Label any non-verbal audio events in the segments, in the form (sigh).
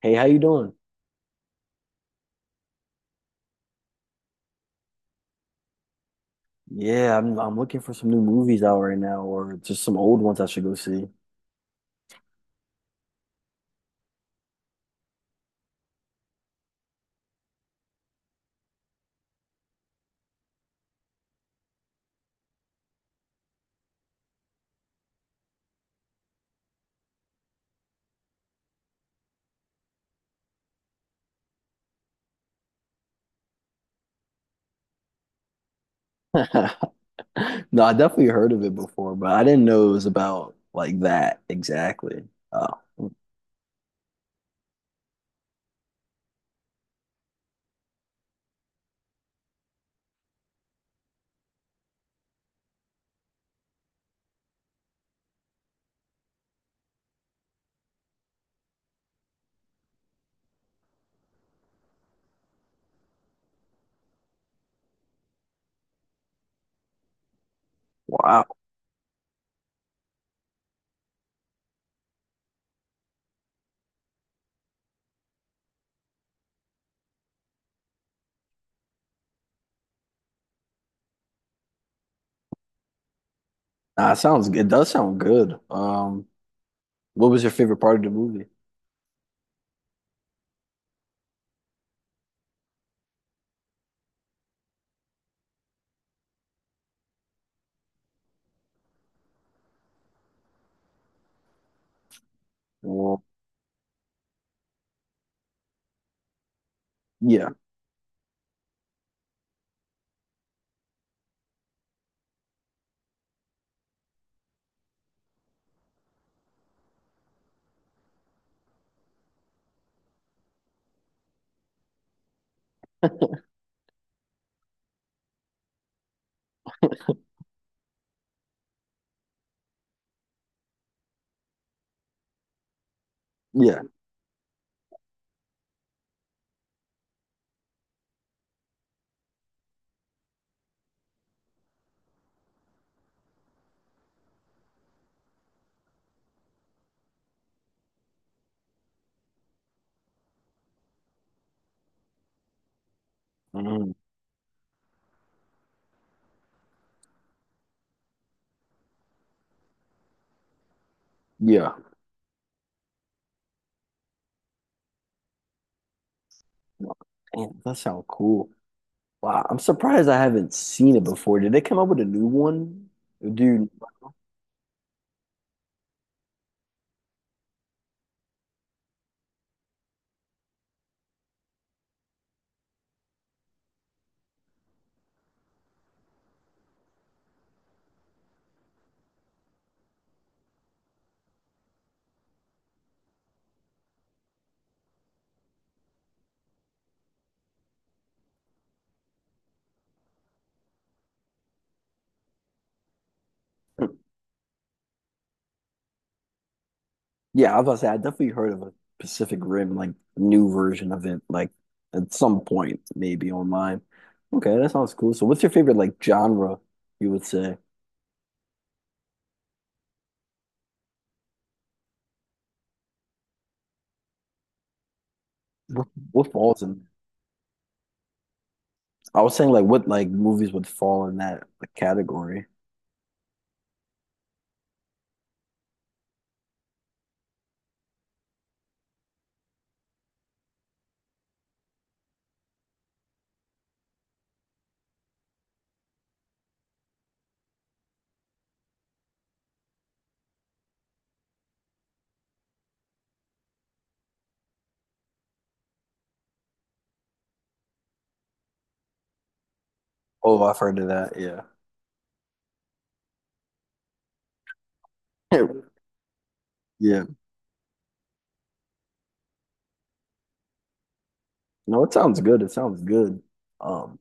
Hey, how you doing? Yeah, I'm looking for some new movies out right now or just some old ones I should go see. (laughs) No, I definitely heard of it before, but I didn't know it was about like that exactly. Oh, wow. Nah, it does sound good. What was your favorite part of the movie? Well, yeah, yeah, mhm, yeah. Damn, that sounds cool. Wow, I'm surprised I haven't seen it before. Did they come up with a new one? Dude, yeah, I was about to say I definitely heard of a Pacific Rim, like, new version of it, like, at some point maybe online. Okay, that sounds cool. So what's your favorite like genre you would say? What falls in? I was saying like what like movies would fall in that like category. Oh, I've heard of that. Yeah. (laughs) Yeah. No, it sounds good. It sounds good. Um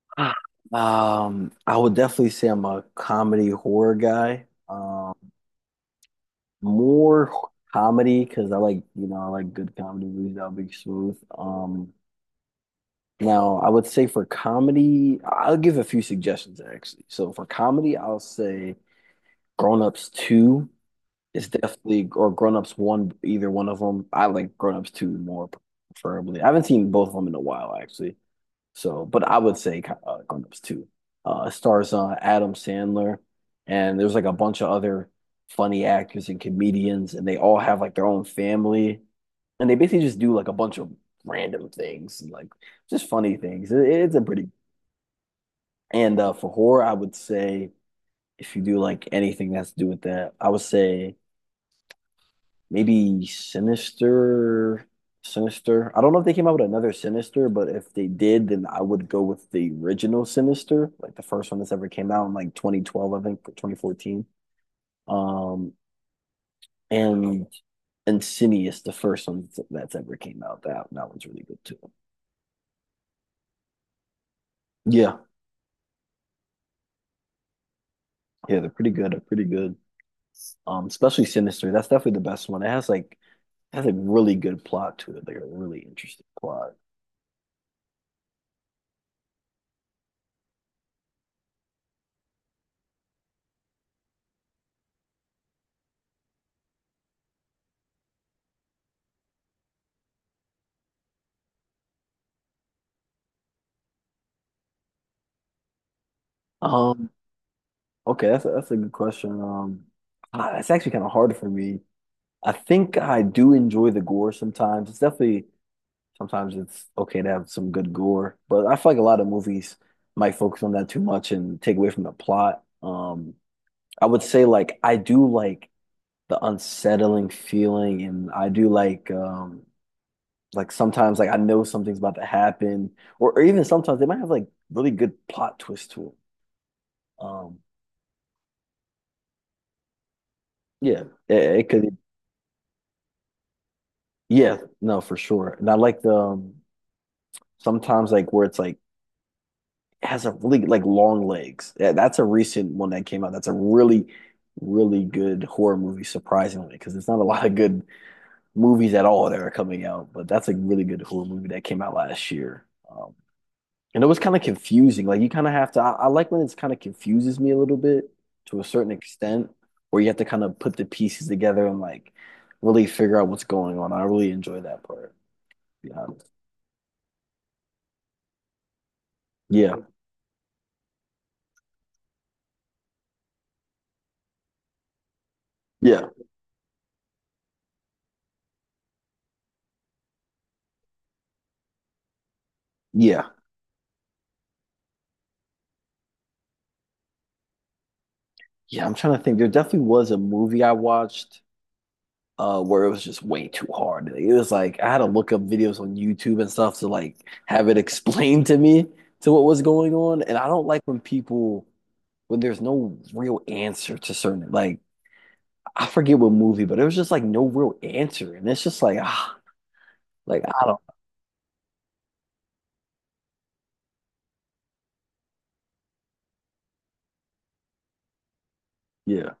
(sighs) Ah. I would definitely say I'm a comedy horror guy. More comedy because I like, I like good comedy movies. That'll be smooth. Now I would say for comedy, I'll give a few suggestions actually. So for comedy, I'll say Grown Ups 2 is definitely, or Grown Ups 1, either one of them. I like Grown Ups 2 more preferably. I haven't seen both of them in a while actually. So, but I would say Gundams 2. It stars Adam Sandler, and there's like a bunch of other funny actors and comedians, and they all have like their own family, and they basically just do like a bunch of random things, and like just funny things. It's a pretty and for horror, I would say if you do like anything that's to do with that, I would say maybe Sinister, Sinister. I don't know if they came out with another Sinister, but if they did, then I would go with the original Sinister, like the first one that's ever came out in like 2012, I think, or 2014. Um, and Insidious, the first one that's ever came out. That one's really good too. Yeah, yeah, they're pretty good. They're pretty good. Especially Sinister. That's definitely the best one. It has a really good plot to it, like a really interesting plot. Um, Okay, that's a good question. It's actually kind of hard for me. I think I do enjoy the gore sometimes. It's definitely sometimes it's okay to have some good gore, but I feel like a lot of movies might focus on that too much and take away from the plot. I would say like I do like the unsettling feeling, and I do like sometimes like I know something's about to happen, or even sometimes they might have like really good plot twist to it. Um, yeah, it could. Yeah, no, for sure. And I like the sometimes like where it's like has a really like long legs. Yeah, that's a recent one that came out. That's a really, really good horror movie, surprisingly, because there's not a (laughs) lot of good movies at all that are coming out. But that's a really good horror movie that came out last year. And it was kind of confusing. Like you kind of have to. I like when it's kind of confuses me a little bit to a certain extent, where you have to kind of put the pieces together and like really figure out what's going on. I really enjoy that part, to be honest. Yeah. Yeah. Yeah. Yeah. I'm trying to think. There definitely was a movie I watched where it was just way too hard. It was like I had to look up videos on YouTube and stuff to like have it (laughs) explained to me to what was going on. And I don't like when people when there's no real answer to certain like I forget what movie, but it was just like no real answer. And it's just like ah like I don't yeah.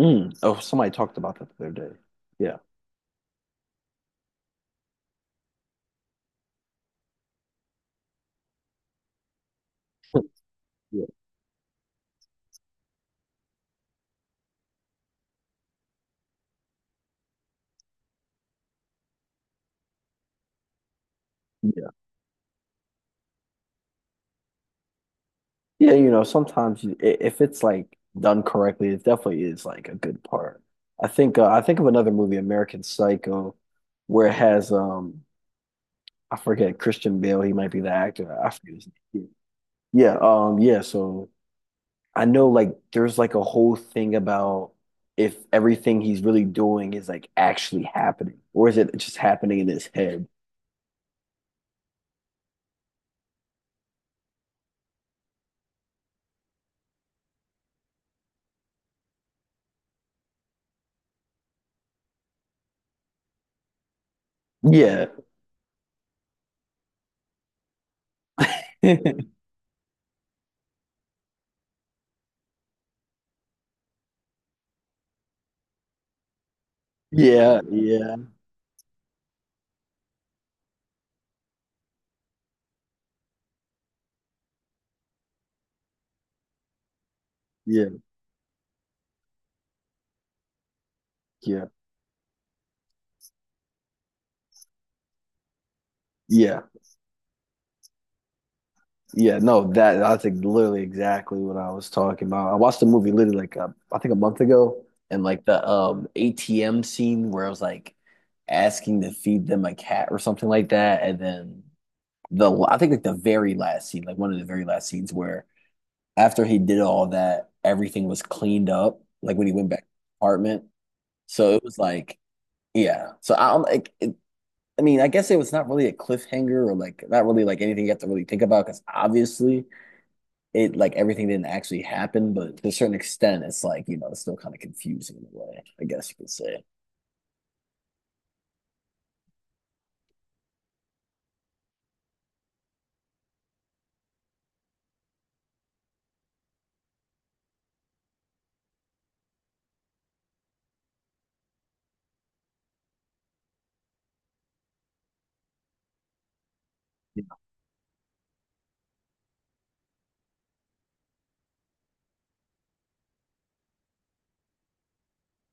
Mm. Oh, somebody talked about that the other day. Yeah. (laughs) Yeah. Yeah, you know, sometimes if it's like done correctly, it definitely is like a good part. I think of another movie, American Psycho, where it has I forget Christian Bale, he might be the actor. I forget his name. Yeah, um, yeah, so I know like there's like a whole thing about if everything he's really doing is like actually happening, or is it just happening in his head? Yeah. (laughs) Yeah, yeah, yeah, yeah, yeah. Yeah. Yeah, no, that that's like literally exactly what I was talking about. I watched the movie literally like I think a month ago, and like the ATM scene where I was like asking to feed them a cat or something like that, and then the I think like the very last scene, like one of the very last scenes where after he did all that, everything was cleaned up, like when he went back to the apartment. So it was like, yeah. So I'm like, it, I mean, I guess it was not really a cliffhanger or like not really like anything you have to really think about because obviously it like everything didn't actually happen, but to a certain extent, it's like, you know, it's still kind of confusing in a way, I guess you could say.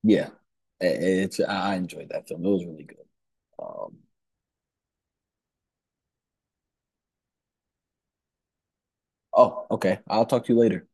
Yeah. It's I enjoyed that film. It was really good. Um, oh, okay. I'll talk to you later.